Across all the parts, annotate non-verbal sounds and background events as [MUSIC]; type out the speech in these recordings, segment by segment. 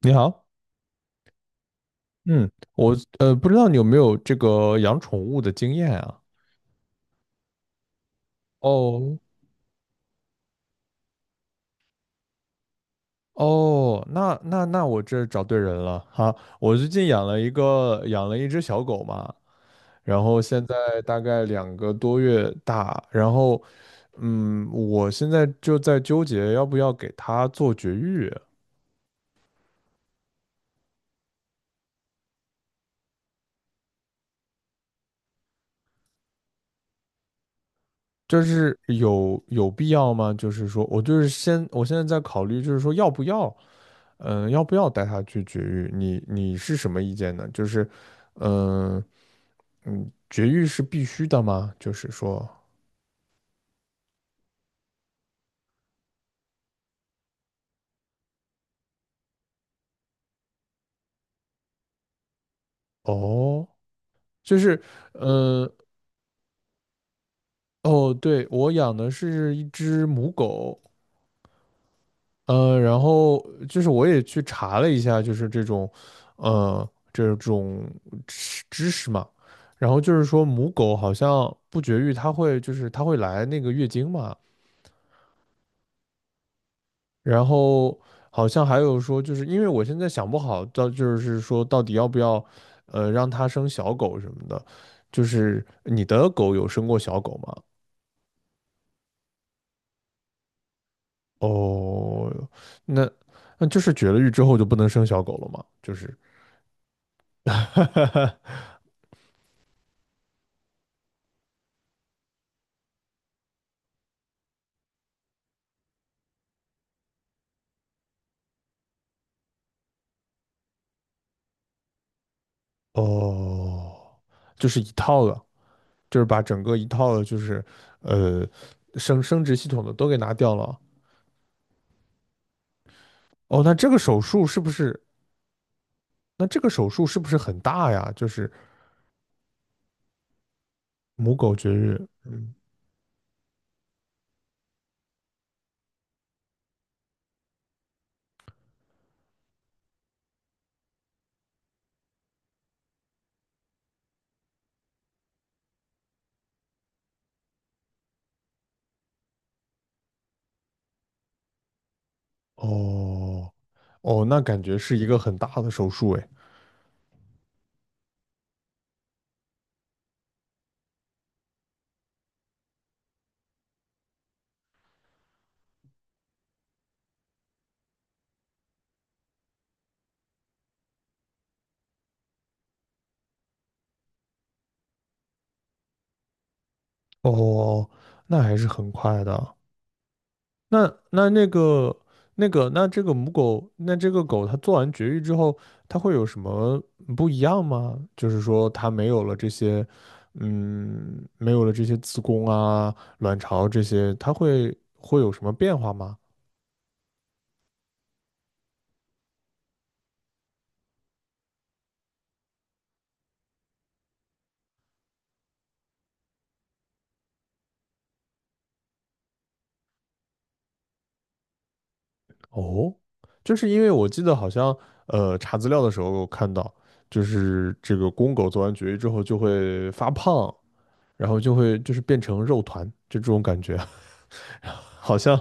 你好，嗯，我不知道你有没有这个养宠物的经验啊？哦哦，那我这找对人了哈！我最近养了一只小狗嘛，然后现在大概2个多月大，然后我现在就在纠结要不要给它做绝育，就是有必要吗？就是说我就是先我现在在考虑，就是说要不要。要不要带它去绝育？你是什么意见呢？就是，嗯、绝育是必须的吗？就是说，哦，就是，嗯、哦，对，我养的是一只母狗，然后就是我也去查了一下，就是这种，呃，这种知识嘛。然后就是说，母狗好像不绝育，它会来那个月经嘛，然后好像还有说，就是因为我现在想不好，到就是说到底要不要，让它生小狗什么的。就是你的狗有生过小狗吗？哦，那那就是绝了育之后就不能生小狗了吗？就是哦，就是一套的，就是把整个一套的，就是呃生殖系统的都给拿掉了。哦，那这个手术是不是很大呀？就是母狗绝育。嗯。哦，哦，那感觉是一个很大的手术诶。哦，那还是很快的。那那那个那这个狗它做完绝育之后，它会有什么不一样吗？就是说它没有了这些，没有了这些子宫啊、卵巢这些，它会有什么变化吗？哦，就是因为我记得好像查资料的时候我看到，就是这个公狗做完绝育之后就会发胖，然后就是变成肉团，就这种感觉，[LAUGHS] 好像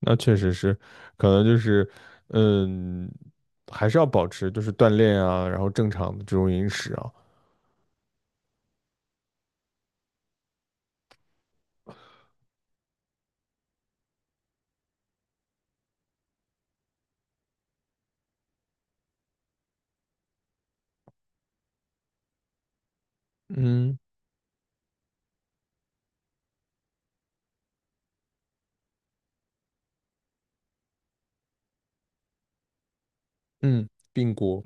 那确实是，可能就是嗯，还是要保持就是锻炼啊，然后正常的这种饮食啊，嗯嗯，髌骨，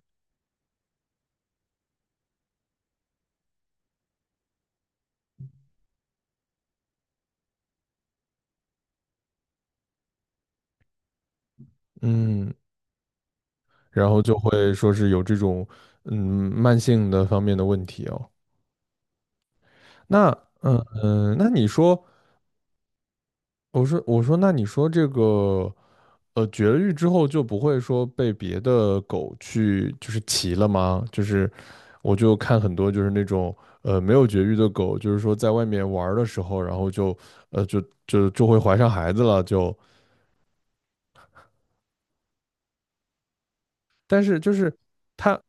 嗯，然后就会说是有这种嗯慢性的方面的问题哦。那嗯嗯，那你说，我说，那你说这个绝育之后就不会说被别的狗去就是骑了吗？就是我就看很多就是那种没有绝育的狗，就是说在外面玩儿的时候，然后就会怀上孩子了，就但是就是它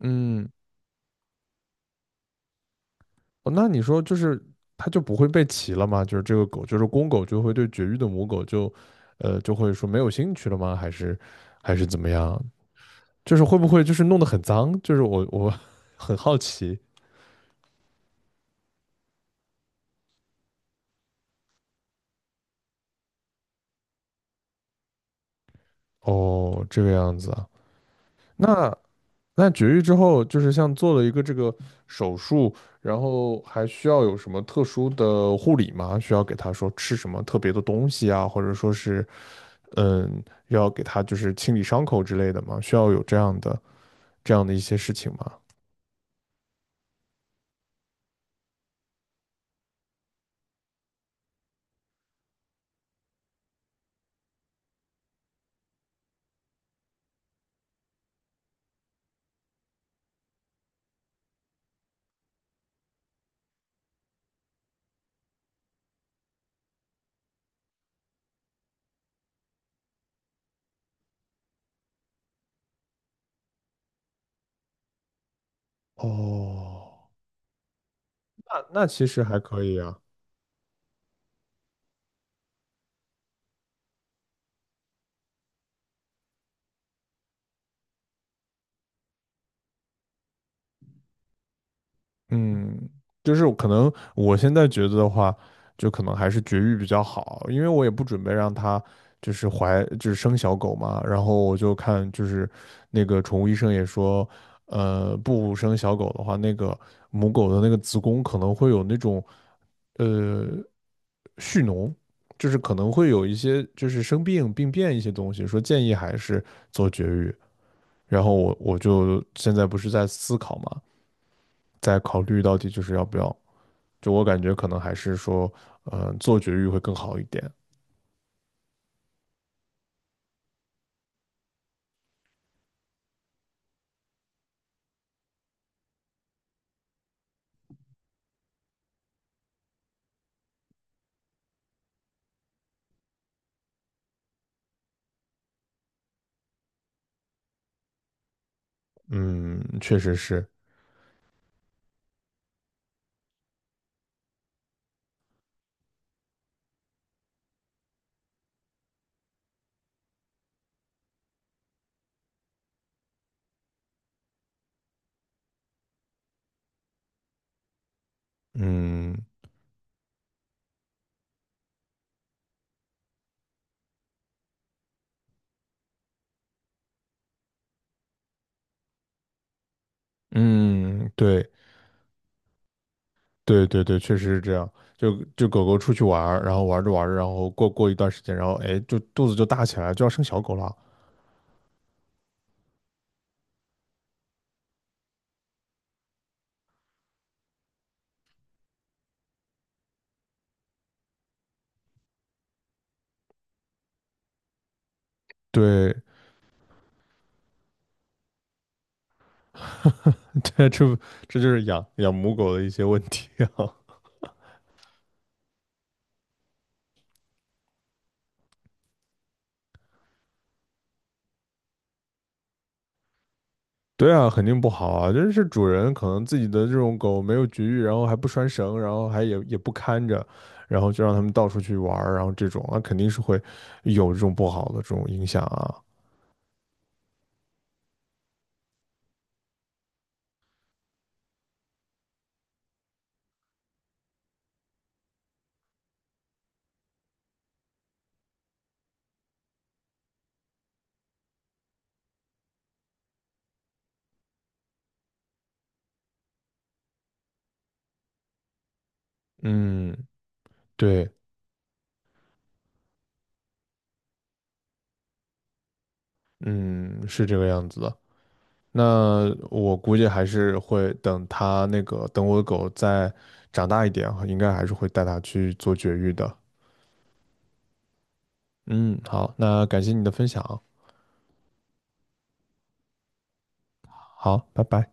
嗯哦，那你说就是它就不会被骑了吗？就是这个狗就是公狗就会对绝育的母狗就会说没有兴趣了吗？还是怎么样？就是会不会就是弄得很脏？就是我 [LAUGHS] 很好奇哦，这个样子啊。那那绝育之后，就是像做了一个这个手术，然后还需要有什么特殊的护理吗？需要给他说吃什么特别的东西啊，或者说是嗯，要给他就是清理伤口之类的吗？需要有这样的一些事情吗？哦，那其实还可以啊。嗯，就是可能我现在觉得的话，就可能还是绝育比较好，因为我也不准备让它就是怀就是生小狗嘛。然后我就看就是那个宠物医生也说，不生小狗的话，那个母狗的那个子宫可能会有那种呃蓄脓，就是可能会有一些就是病变一些东西，说建议还是做绝育。然后我就现在不是在思考嘛，在考虑到底就是要不要。就我感觉可能还是说，做绝育会更好一点。嗯，确实是，嗯嗯，对对对对，确实是这样。就狗狗出去玩儿，然后玩着玩着，然后过一段时间，然后哎，就肚子就大起来，就要生小狗了。对，[LAUGHS] 这这这就是养母狗的一些问题啊。对啊，肯定不好啊！就是主人可能自己的这种狗没有绝育，然后还不拴绳，然后还也不看着，然后就让它们到处去玩儿，然后这种那肯定是会有这种不好的这种影响啊。嗯，对，嗯，是这个样子的。那我估计还是会等它那个等我的狗再长大一点啊，应该还是会带它去做绝育的。嗯，好，那感谢你的分享，好，拜拜。